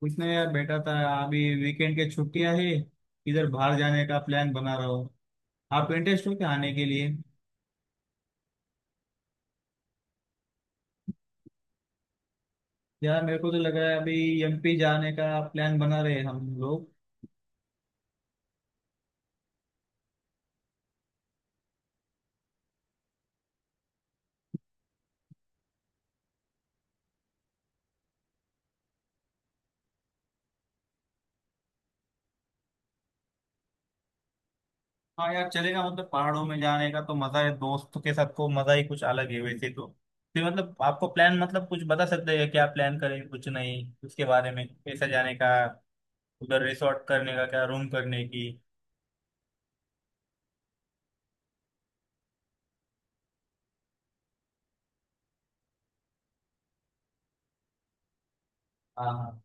कुछ नहीं यार, बैठा था। अभी वीकेंड के छुट्टियां है। इधर बाहर जाने का प्लान बना रहा हूँ। आप इंटरेस्ट हो क्या आने के लिए? यार मेरे को तो लग रहा है अभी एमपी जाने का। प्लान बना रहे हैं हम लोग। हाँ यार चलेगा, मतलब पहाड़ों में जाने का तो मजा है, दोस्तों के साथ को मजा ही कुछ अलग है वैसे तो। फिर मतलब आपको प्लान, मतलब कुछ बता सकते हैं क्या, प्लान करें कुछ नहीं उसके बारे में, कैसा जाने का? उधर रिसोर्ट करने का क्या, रूम करने की? हाँ हाँ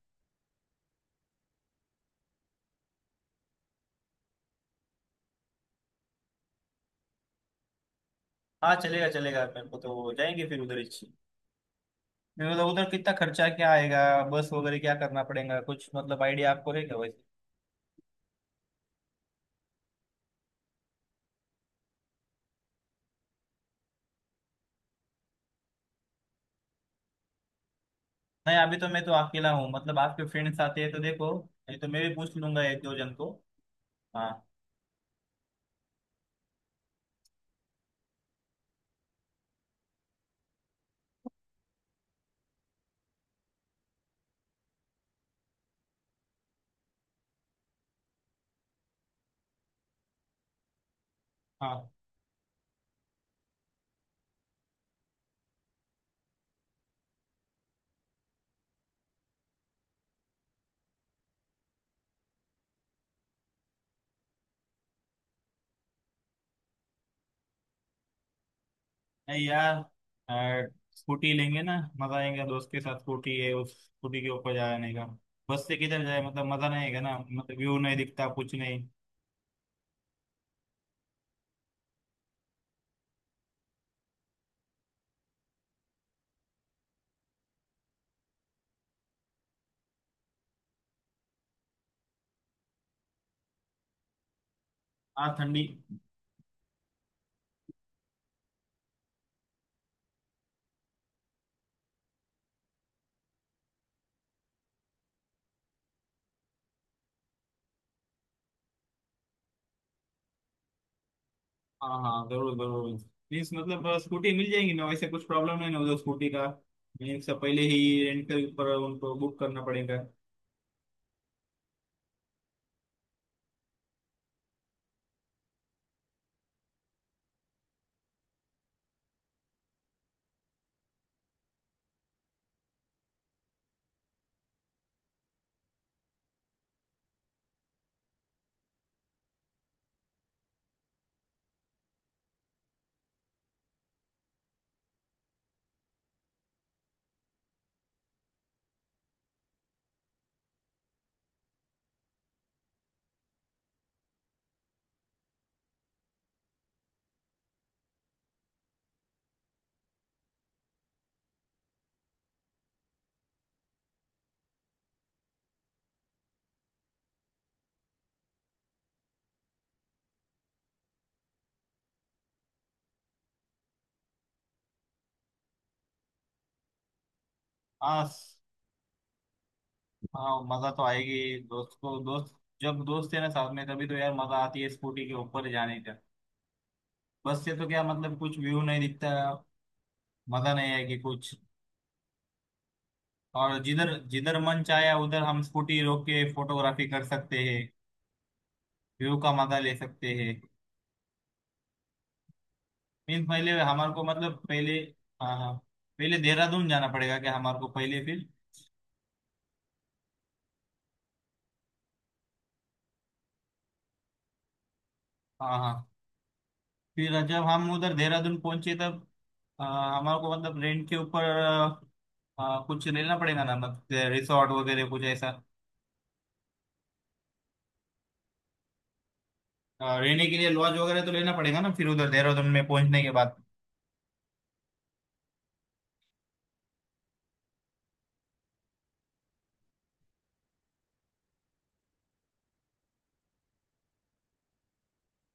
हाँ, चलेगा चलेगा, मेरे को तो जाएंगे फिर उधर ही। मतलब उधर कितना खर्चा क्या आएगा? बस वगैरह क्या करना पड़ेगा कुछ, मतलब आइडिया आपको है क्या वैसे? नहीं अभी तो मैं तो अकेला हूँ, मतलब आपके फ्रेंड्स आते हैं तो देखो, नहीं तो मैं भी पूछ लूंगा एक दो जन को। हाँ हाँ। नहीं यार, अ, स्कूटी लेंगे ना, मजा आएगा दोस्त के साथ, स्कूटी है उस स्कूटी के ऊपर जाने का। बस से किधर जाए, मतलब मजा नहीं आएगा ना, मतलब व्यू नहीं दिखता कुछ नहीं। हाँ, ठंडी। हाँ हाँ, जरूर जरूर। प्लीज मतलब स्कूटी मिल जाएगी ना वैसे, कुछ प्रॉब्लम है ना उधर स्कूटी का? एक से पहले ही रेंट के ऊपर उनको बुक करना पड़ेगा? हाँ स- हाँ मज़ा तो आएगी, दोस्त को दोस्त, जब दोस्त है ना साथ में, तभी तो यार मज़ा आती है स्कूटी के ऊपर जाने का। बस से तो क्या, मतलब कुछ व्यू नहीं दिखता। मज़ा नहीं आएगी कुछ। और जिधर जिधर मन चाहे, उधर हम स्कूटी रोक के फोटोग्राफी कर सकते हैं, व्यू का मज़ा ले सकते हैं। मीन्स पहले हमारे को, मतलब पहले। हाँ हाँ, पहले देहरादून जाना पड़ेगा क्या हमारे को, पहले फिर? हाँ हाँ। फिर जब हम उधर देहरादून पहुंचे तब, आ, हमारे को मतलब रेंट के ऊपर आ, आ, कुछ लेना पड़ेगा ना, मतलब रिसोर्ट वगैरह कुछ ऐसा, रहने के लिए लॉज वगैरह तो लेना पड़ेगा ना फिर उधर देहरादून में पहुंचने के बाद?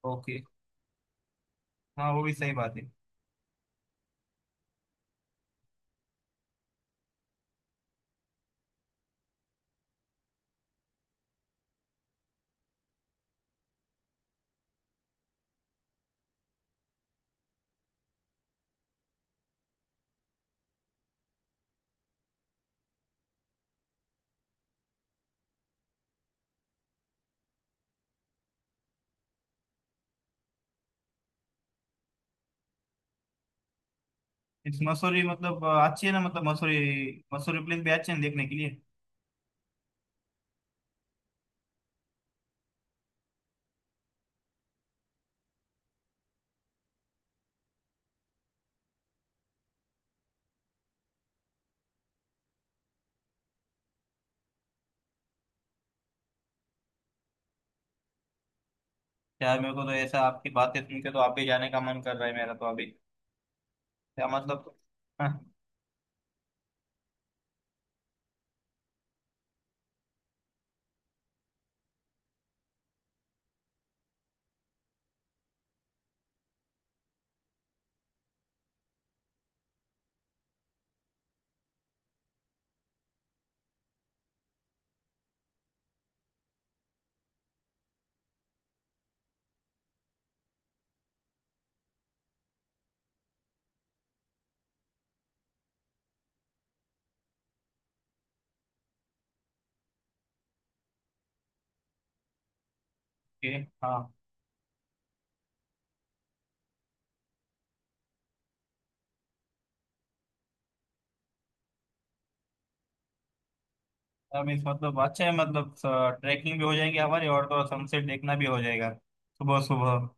ओके, हाँ वो भी सही बात है। इस मसूरी, मतलब अच्छी है ना मतलब मसूरी? मसूरी प्लेस भी अच्छे हैं देखने के लिए? यार मेरे को तो ऐसा आपकी बातें सुन के तो आप भी जाने का मन कर रहा है मेरा तो अभी। क्या मतलब। ओके, हाँ। अब इस, मतलब अच्छा है, मतलब ट्रैकिंग भी हो जाएगी हमारी और तो सनसेट देखना भी हो जाएगा सुबह सुबह।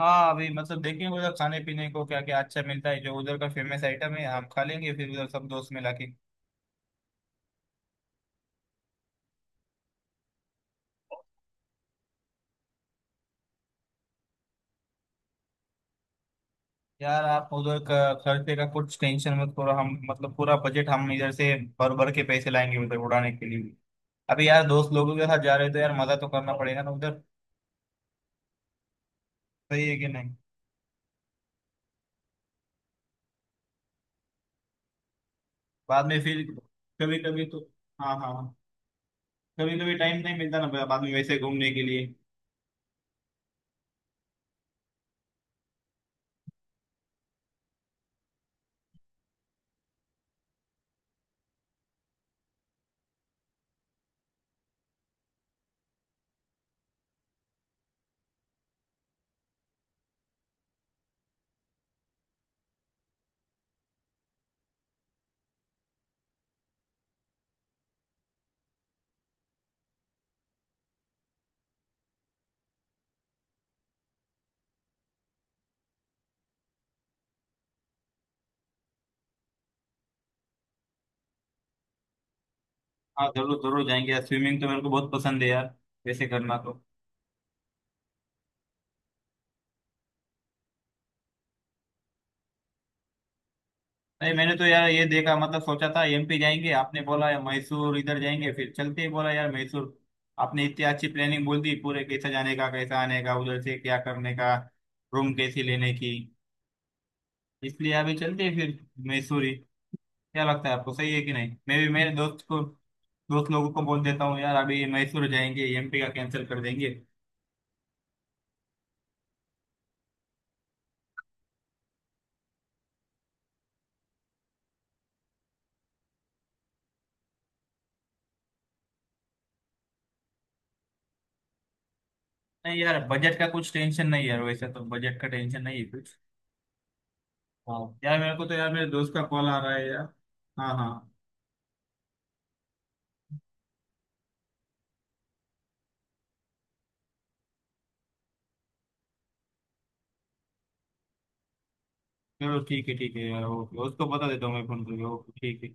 हाँ अभी मतलब देखेंगे उधर खाने पीने को क्या क्या अच्छा मिलता है, जो उधर का फेमस आइटम है आप खा लेंगे फिर उधर, सब दोस्त मिला के। यार आप उधर का खर्चे का कुछ टेंशन मत करो, हम मतलब पूरा बजट हम इधर से भर भर के पैसे लाएंगे उधर उड़ाने के लिए। अभी यार दोस्त लोगों के साथ जा रहे हो तो यार मजा तो करना पड़ेगा ना उधर। सही है कि नहीं? बाद में फिर कभी कभी तो। हाँ हाँ, कभी कभी टाइम नहीं मिलता ना बाद में वैसे घूमने के लिए। हाँ जरूर जरूर जाएंगे यार, स्विमिंग तो मेरे को बहुत पसंद है यार, वैसे करना तो। नहीं मैंने तो यार ये देखा, मतलब सोचा था एमपी जाएंगे, आपने बोला यार मैसूर इधर जाएंगे, फिर चलते ही बोला यार मैसूर। आपने इतनी अच्छी प्लानिंग बोल दी पूरे, कैसा जाने का, कैसा आने का, उधर से क्या करने का, रूम कैसी लेने की। इसलिए अभी चलते हैं फिर मैसूर ही। क्या लगता है आपको, सही है कि नहीं? मैं भी मेरे दोस्त को, दोस्त लोगों को बोल देता हूँ यार, अभी मैसूर जाएंगे, एमपी का कैंसिल कर देंगे। नहीं यार बजट का कुछ टेंशन नहीं यार, वैसे तो बजट का टेंशन नहीं है कुछ। हाँ, यार मेरे को तो यार मेरे दोस्त का कॉल आ रहा है यार। हाँ हाँ, चलो ठीक है यार, ओके उसको बता देता हूँ मैं फोन करके। ओके ठीक है।